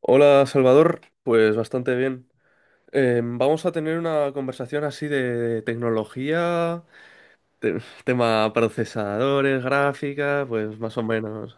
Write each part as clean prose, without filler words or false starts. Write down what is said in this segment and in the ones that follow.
Hola Salvador, pues bastante bien. Vamos a tener una conversación así de tecnología, te- tema procesadores, gráfica, pues más o menos.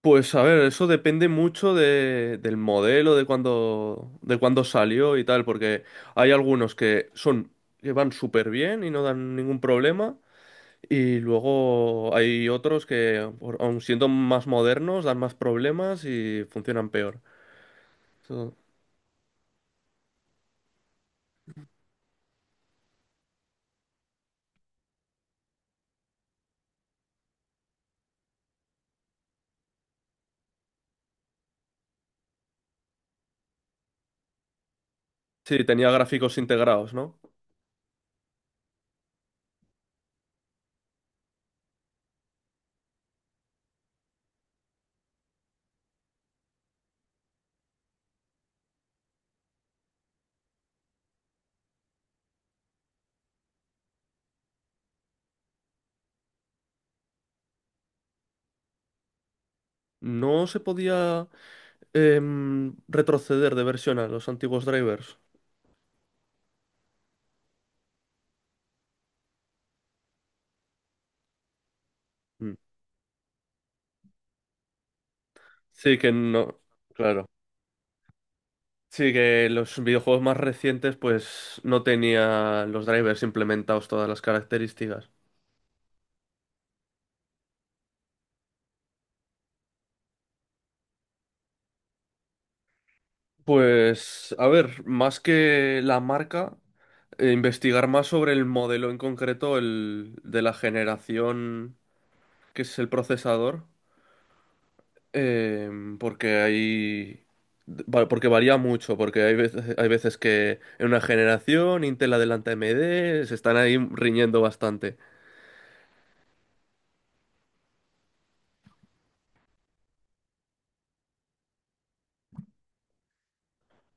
Pues a ver, eso depende mucho del modelo, de cuándo salió y tal, porque hay algunos que son, que van súper bien y no dan ningún problema, y luego hay otros que, aun siendo más modernos, dan más problemas y funcionan peor. Sí, tenía gráficos integrados, ¿no? No se podía, retroceder de versión a los antiguos drivers. Mm. Sí que no, claro. Sí que los videojuegos más recientes pues no tenían los drivers implementados todas las características. Pues, a ver, más que la marca, investigar más sobre el modelo en concreto, el de la generación que es el procesador. Eh, porque hay... Porque varía mucho, porque hay veces que en una generación Intel adelanta a AMD, se están ahí riñendo bastante.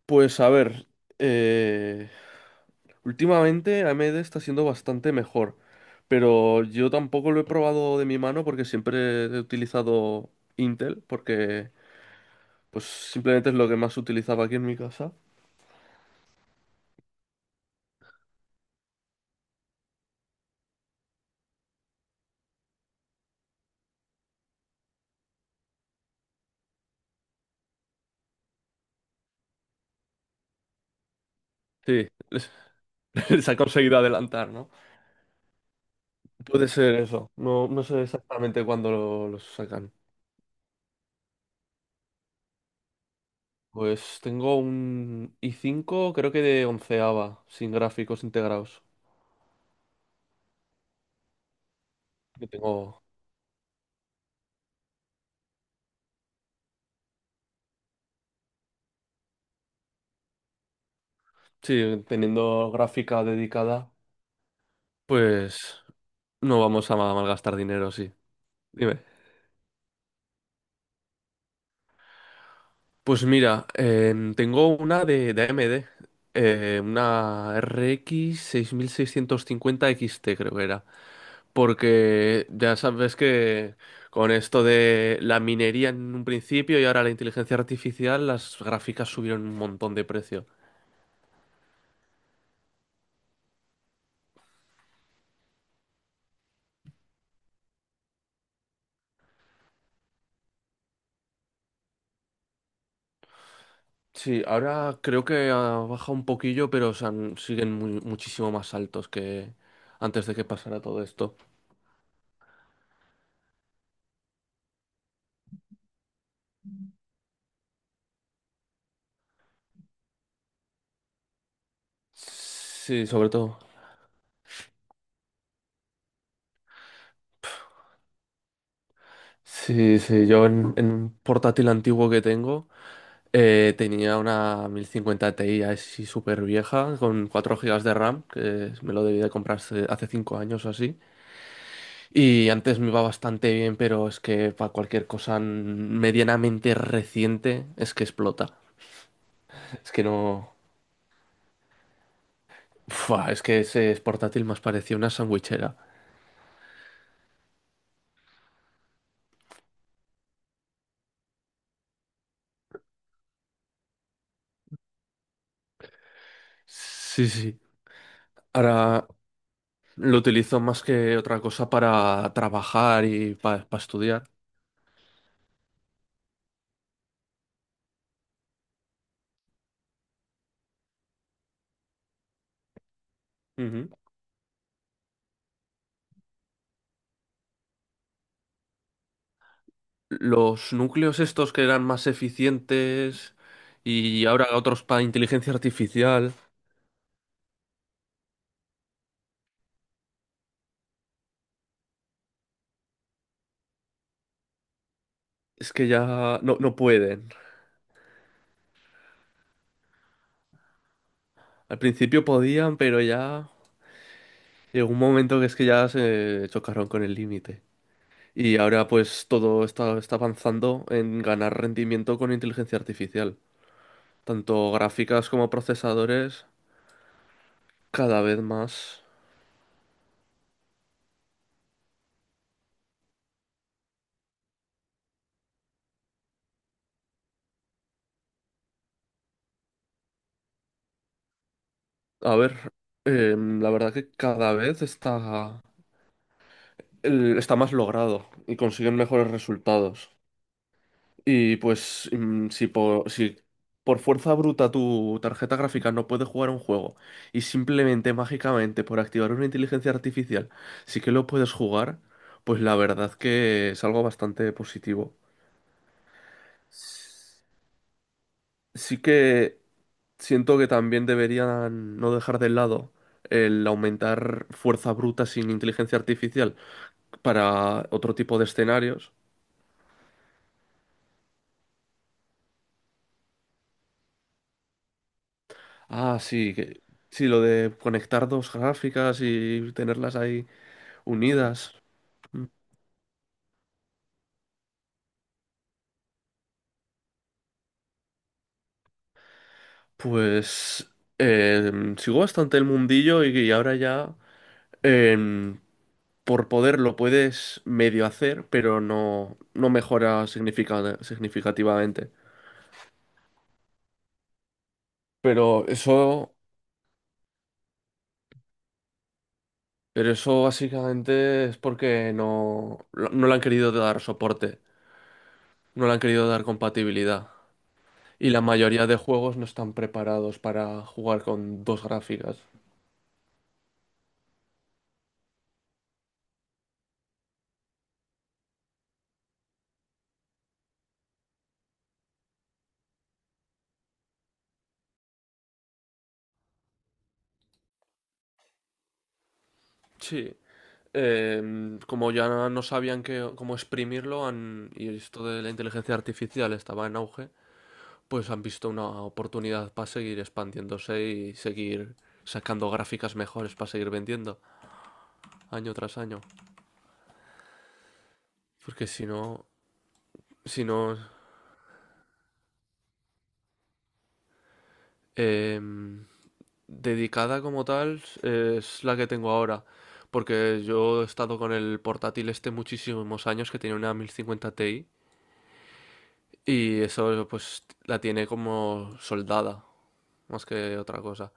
Pues a ver, eh, últimamente AMD está siendo bastante mejor, pero yo tampoco lo he probado de mi mano porque siempre he utilizado Intel, porque pues simplemente es lo que más utilizaba aquí en mi casa. Sí, les ha conseguido adelantar, ¿no? Puede ser eso. No, no sé exactamente cuándo los sacan. Pues tengo un i5, creo que de onceava, sin gráficos integrados. Que tengo, sí, teniendo gráfica dedicada, pues no vamos a malgastar dinero, sí. Dime. Pues mira, tengo una de AMD, una RX x XT creo que era, porque ya sabes que con esto de la minería en un principio y ahora la inteligencia artificial, las gráficas subieron un montón de precio. Sí, ahora creo que ha bajado un poquillo, pero o sea, siguen muchísimo más altos que antes de que pasara todo esto. Sí, sobre todo. Sí, sí, yo en un portátil antiguo que tengo, tenía una 1050 Ti así súper vieja con 4 gigas de RAM, que me lo debí de comprar hace 5 años o así. Y antes me iba bastante bien, pero es que para cualquier cosa medianamente reciente es que explota. Es que no... Fua, es que ese portátil más parecía una sandwichera. Sí, sí. Ahora lo utilizo más que otra cosa para trabajar y para estudiar. Ujú. Los núcleos estos que eran más eficientes y ahora otros para inteligencia artificial, es que ya no, no pueden. Al principio podían, pero ya... Llegó un momento que es que ya se chocaron con el límite. Y ahora pues todo está avanzando en ganar rendimiento con inteligencia artificial. Tanto gráficas como procesadores, cada vez más. A ver, la verdad que cada vez está más logrado y consiguen mejores resultados. Y pues si por fuerza bruta tu tarjeta gráfica no puede jugar un juego y simplemente mágicamente por activar una inteligencia artificial sí que lo puedes jugar, pues la verdad que es algo bastante positivo. Sí que siento que también deberían no dejar de lado el aumentar fuerza bruta sin inteligencia artificial para otro tipo de escenarios. Ah, sí, que sí, lo de conectar dos gráficas y tenerlas ahí. Unidas. Pues sigo bastante el mundillo y ahora ya, em, por poder lo puedes medio hacer, pero no, no mejora significativamente. Pero eso, pero eso básicamente es porque no, no le han querido dar soporte, no le han querido dar compatibilidad. Y la mayoría de juegos no están preparados para jugar con dos gráficas. Sí. Como ya no sabían cómo exprimirlo, y esto de la inteligencia artificial estaba en auge, pues han visto una oportunidad para seguir expandiéndose y seguir sacando gráficas mejores para seguir vendiendo año tras año. Porque si no, si no, em, dedicada como tal es la que tengo ahora. Porque yo he estado con el portátil este muchísimos años que tiene una 1050 Ti y eso pues la tiene como soldada, más que otra cosa.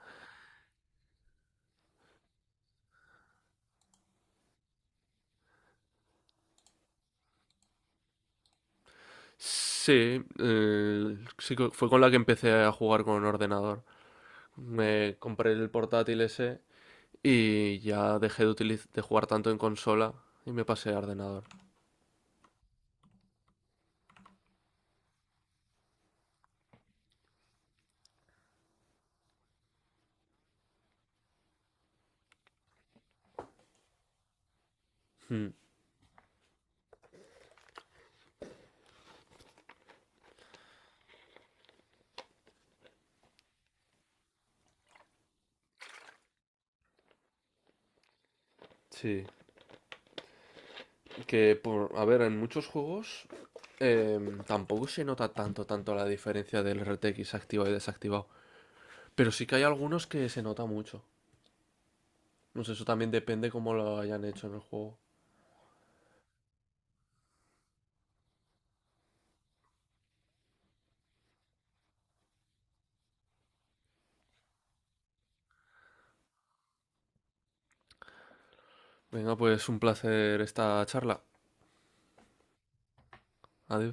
Sí, sí que fue con la que empecé a jugar con ordenador. Me compré el portátil ese y ya dejé de jugar tanto en consola y me pasé a ordenador. Hmm. Sí, a ver, en muchos juegos, tampoco se nota tanto la diferencia del RTX activado y desactivado. Pero sí que hay algunos que se nota mucho. No sé, eso también depende cómo lo hayan hecho en el juego. Venga, pues un placer esta charla. Adiós.